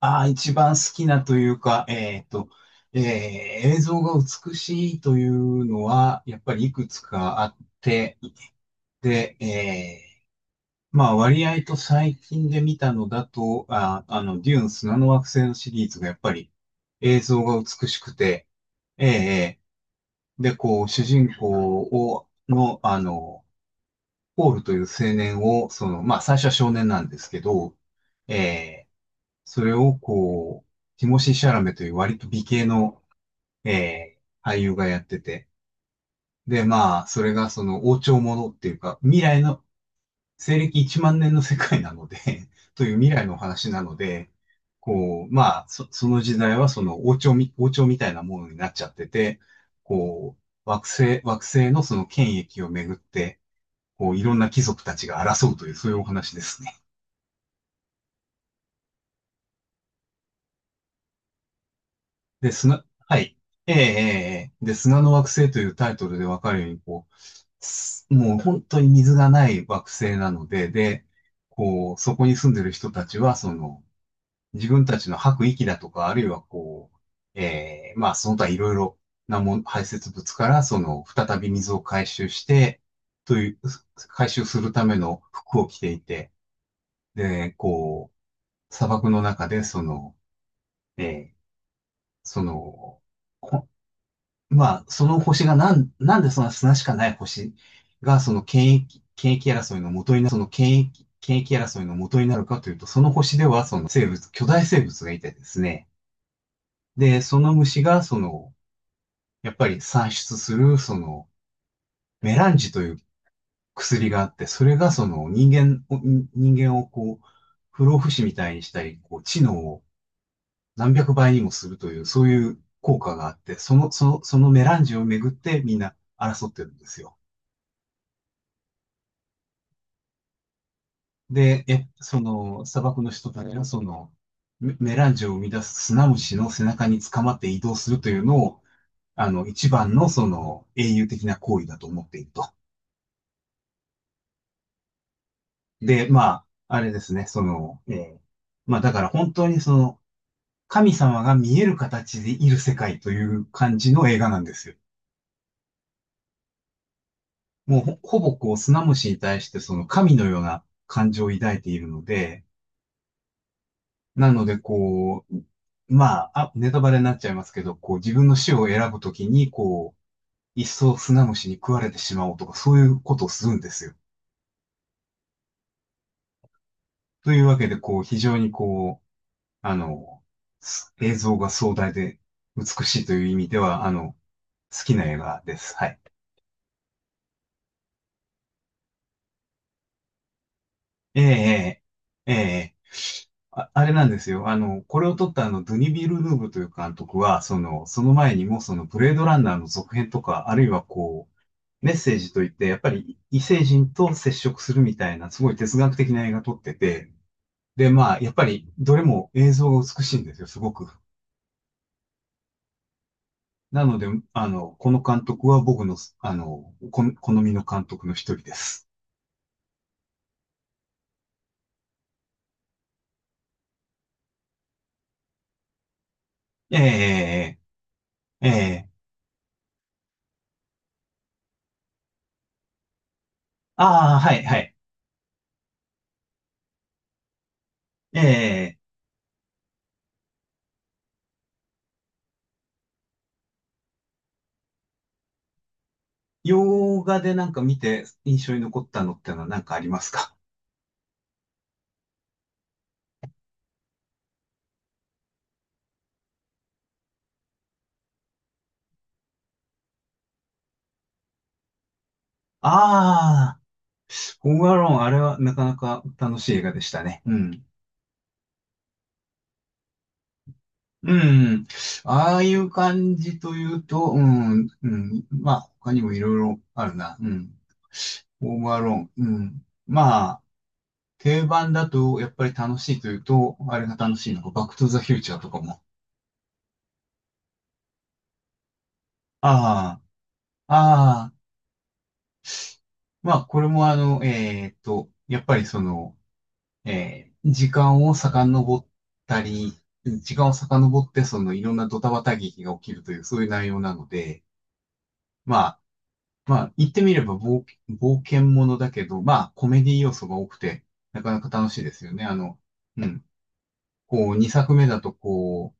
ああ、一番好きなというか、えー映像が美しいというのは、やっぱりいくつかあって、で、まあ割合と最近で見たのだと、デューン砂の惑星のシリーズがやっぱり映像が美しくて、えーえで、こう、主人公を、の、ポールという青年を、その、まあ最初は少年なんですけど、えーそれをこう、ティモシー・シャラメという割と美形の、俳優がやってて。で、まあ、それがその王朝ものっていうか、未来の、西暦1万年の世界なので という未来の話なので、こう、まあ、その時代はその王朝みたいなものになっちゃってて、こう、惑星のその権益をめぐって、こう、いろんな貴族たちが争うという、そういうお話ですね。で、はい。ええ、ええ、ええ、で、砂の惑星というタイトルでわかるように、こう、もう本当に水がない惑星なので、で、こう、そこに住んでる人たちは、その、自分たちの吐く息だとか、あるいはこう、ええ、まあ、その他いろいろなもん、排泄物から、その、再び水を回収して、という、回収するための服を着ていて、で、こう、砂漠の中で、その、ええ、その、まあ、その星がなんでそんな砂しかない星が、その権益争いの元になる、その権益争いの元になるかというと、その星では、その生物、巨大生物がいてですね。で、その虫が、その、やっぱり産出する、その、メランジという薬があって、それが、その、人間をこう、不老不死みたいにしたり、こう、知能を何百倍にもするという、そういう効果があって、そのメランジをめぐってみんな争ってるんですよ。で、その、砂漠の人たちは、その、メランジを生み出す砂虫の背中に捕まって移動するというのを、あの、一番の、その、英雄的な行為だと思っていると。で、まあ、あれですね、その、ーまあ、だから本当にその、神様が見える形でいる世界という感じの映画なんですよ。もうほぼこう、砂虫に対して、その、神のような感情を抱いているので、なので、こう、まあ、ネタバレになっちゃいますけど、こう、自分の死を選ぶときに、こう、一層スナムシに食われてしまおうとか、そういうことをするんですよ。というわけで、こう、非常にこう、あの、映像が壮大で美しいという意味では、好きな映画です。はい。ええ、ええ、ええ、あれなんですよ。これを撮ったドゥニ・ビルヌーブという監督は、その、その前にも、その、ブレードランナーの続編とか、あるいはこう、メッセージといって、やっぱり異星人と接触するみたいな、すごい哲学的な映画撮ってて、で、まあ、やっぱりどれも映像が美しいんですよ、すごく。なので、この監督は僕の、好みの監督の一人です。えー、えー、ああ、はい、はい。えー、洋画でなんか見て印象に残ったのってのは何かありますか？ ああー、ホームアローン、あれはなかなか楽しい映画でしたね。うん。うん。ああいう感じというと、うん、うん。まあ、他にもいろいろあるな。うん。オーバーローン。うん。まあ、定番だと、やっぱり楽しいというと、あれが楽しいのか、バックトゥザフューチャーとかも。ああ、ああ、まあ、これもやっぱりその、えー時間を遡ったり、時間を遡って、その、いろんなドタバタ劇が起きるという、そういう内容なので、まあ、まあ、言ってみれば冒険ものだけど、まあ、コメディ要素が多くて、なかなか楽しいですよね。うん。こう、2作目だと、こう、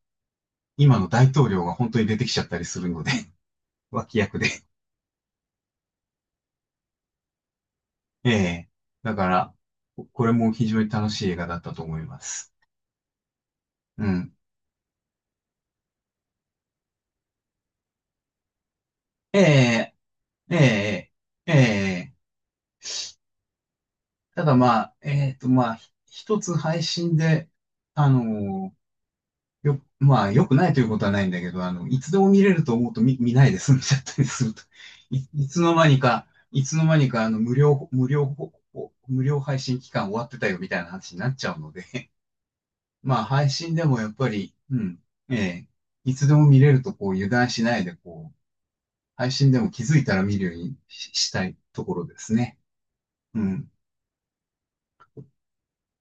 今の大統領が本当に出てきちゃったりするので、脇役で。ええ。だから、これも非常に楽しい映画だったと思います。うん。ええ、ええ、ええ。ただまあ、まあ、一つ配信で、あのよ、まあ、良くないということはないんだけど、いつでも見れると思うと見ないで済んじゃったりすると、いつの間にか、いつの間にか、あの、無料、無料、無料配信期間終わってたよみたいな話になっちゃうので、まあ、配信でもやっぱり、うん、ええ、いつでも見れると、こう、油断しないで、こう、配信でも気づいたら見るようにしたいところですね。うん。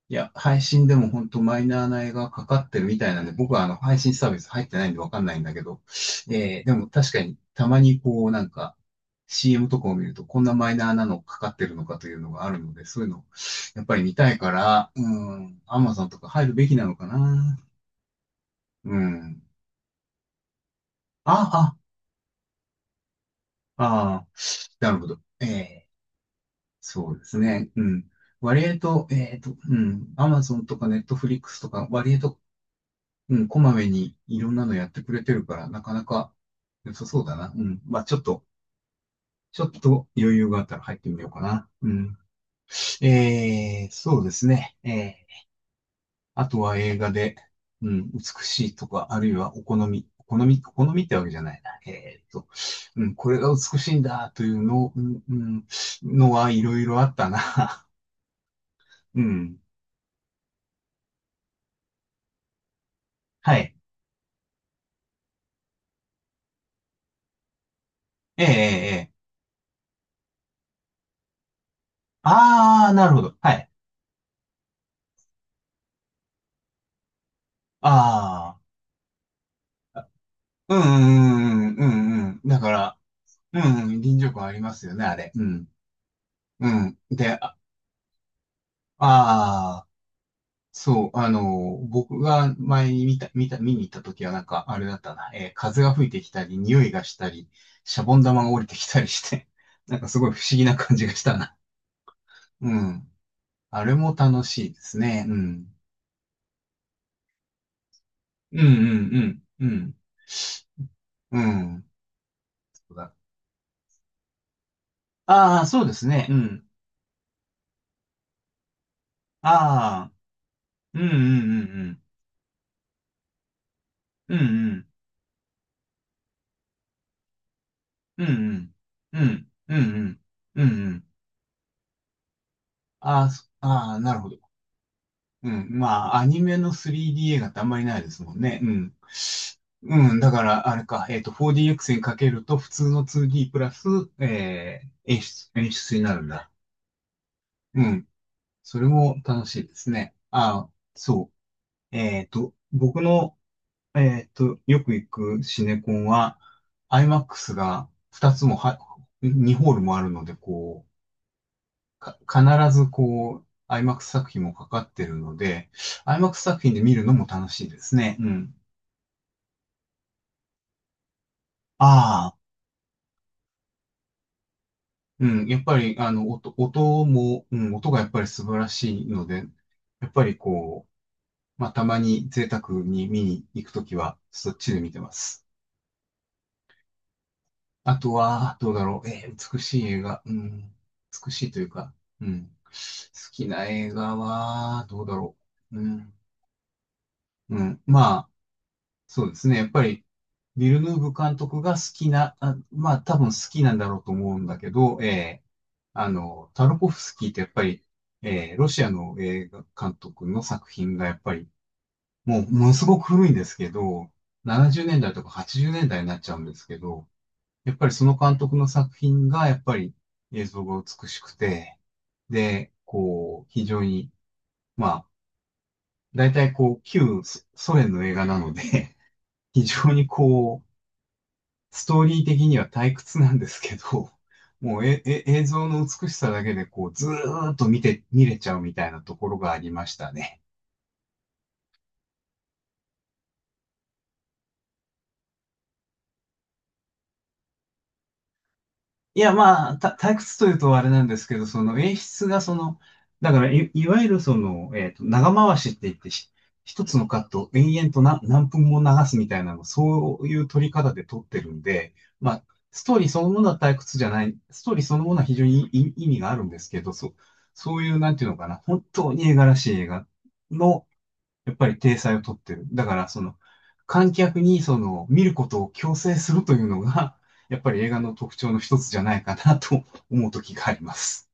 いや、配信でも本当マイナーな映画がかかってるみたいなんで、僕はあの配信サービス入ってないんでわかんないんだけど、でも確かにたまにこうなんか CM とかを見るとこんなマイナーなのかかってるのかというのがあるので、そういうのやっぱり見たいから、うん、Amazon とか入るべきなのかな。うん。あ、あ、ああ、なるほど。ええ、そうですね。うん。割合と、うん、Amazon とか Netflix とか割合と、うん、こまめにいろんなのやってくれてるから、なかなか良さそうだな。うん。まあ、ちょっと余裕があったら入ってみようかな。うん。そうですね。あとは映画で、うん、美しいとか、あるいはお好みってわけじゃないな。うん、これが美しいんだというの、うん、うん、のはいろいろあったな。うん。はい。えーえーえーあー、なるほど。はい。あー。うんうんうんうんうん。だから、うんうん、臨場感ありますよね、あれ。うん。うん。で、ああー、そう、僕が前に見に行った時はなんか、あれだったな、風が吹いてきたり、匂いがしたり、シャボン玉が降りてきたりして、なんかすごい不思議な感じがしたな。うん。あれも楽しいですね。うん。うんうんうん。うん。うん。そうだ。ああ、そうですね。うん。ああ、うんうんうんうん。うんうん。うんうん。うん。うんうん。うんうんああ、ああ、なるほど。うん。まあ、アニメの 3D 映画ってあんまりないですもんね。うん。うん。だから、あれか、4DX にかけると普通の 2D プラス、え演出になるんだ。うん。それも楽しいですね。ああ、そう。僕の、よく行くシネコンは、IMAX が2つもは、2ホールもあるので、か、必ずこう、IMAX 作品もかかってるので、IMAX 作品で見るのも楽しいですね。うん。ああ、うん。やっぱり、音も、うん、音がやっぱり素晴らしいので、やっぱりこう、まあ、たまに贅沢に見に行くときは、そっちで見てます。あとは、どうだろう。美しい映画。うん。美しいというか、うん。好きな映画は、どうだろう。うん。うん。まあ、そうですね。やっぱり、ビルヌーブ監督が好きな、まあ多分好きなんだろうと思うんだけど、タルコフスキーってやっぱり、ロシアの映画監督の作品がやっぱり、もうものすごく古いんですけど、70年代とか80年代になっちゃうんですけど、やっぱりその監督の作品がやっぱり映像が美しくて、で、こう、非常に、まあ、大体こう、旧ソ連の映画なので、非常にストーリー的には退屈なんですけど、もう映像の美しさだけでこう、ずーっと見れちゃうみたいなところがありましたね。いや、まあ、退屈というとあれなんですけど、その演出がその、だからいわゆるその、長回しって言って一つのカットを延々と何分も流すみたいなの、そういう撮り方で撮ってるんで、まあ、ストーリーそのものは退屈じゃない、ストーリーそのものは非常に意味があるんですけど、そう、そういう、なんていうのかな、本当に絵柄らしい映画の、やっぱり体裁をとってる。だから、その、観客にその、見ることを強制するというのが、やっぱり映画の特徴の一つじゃないかなと思う時があります。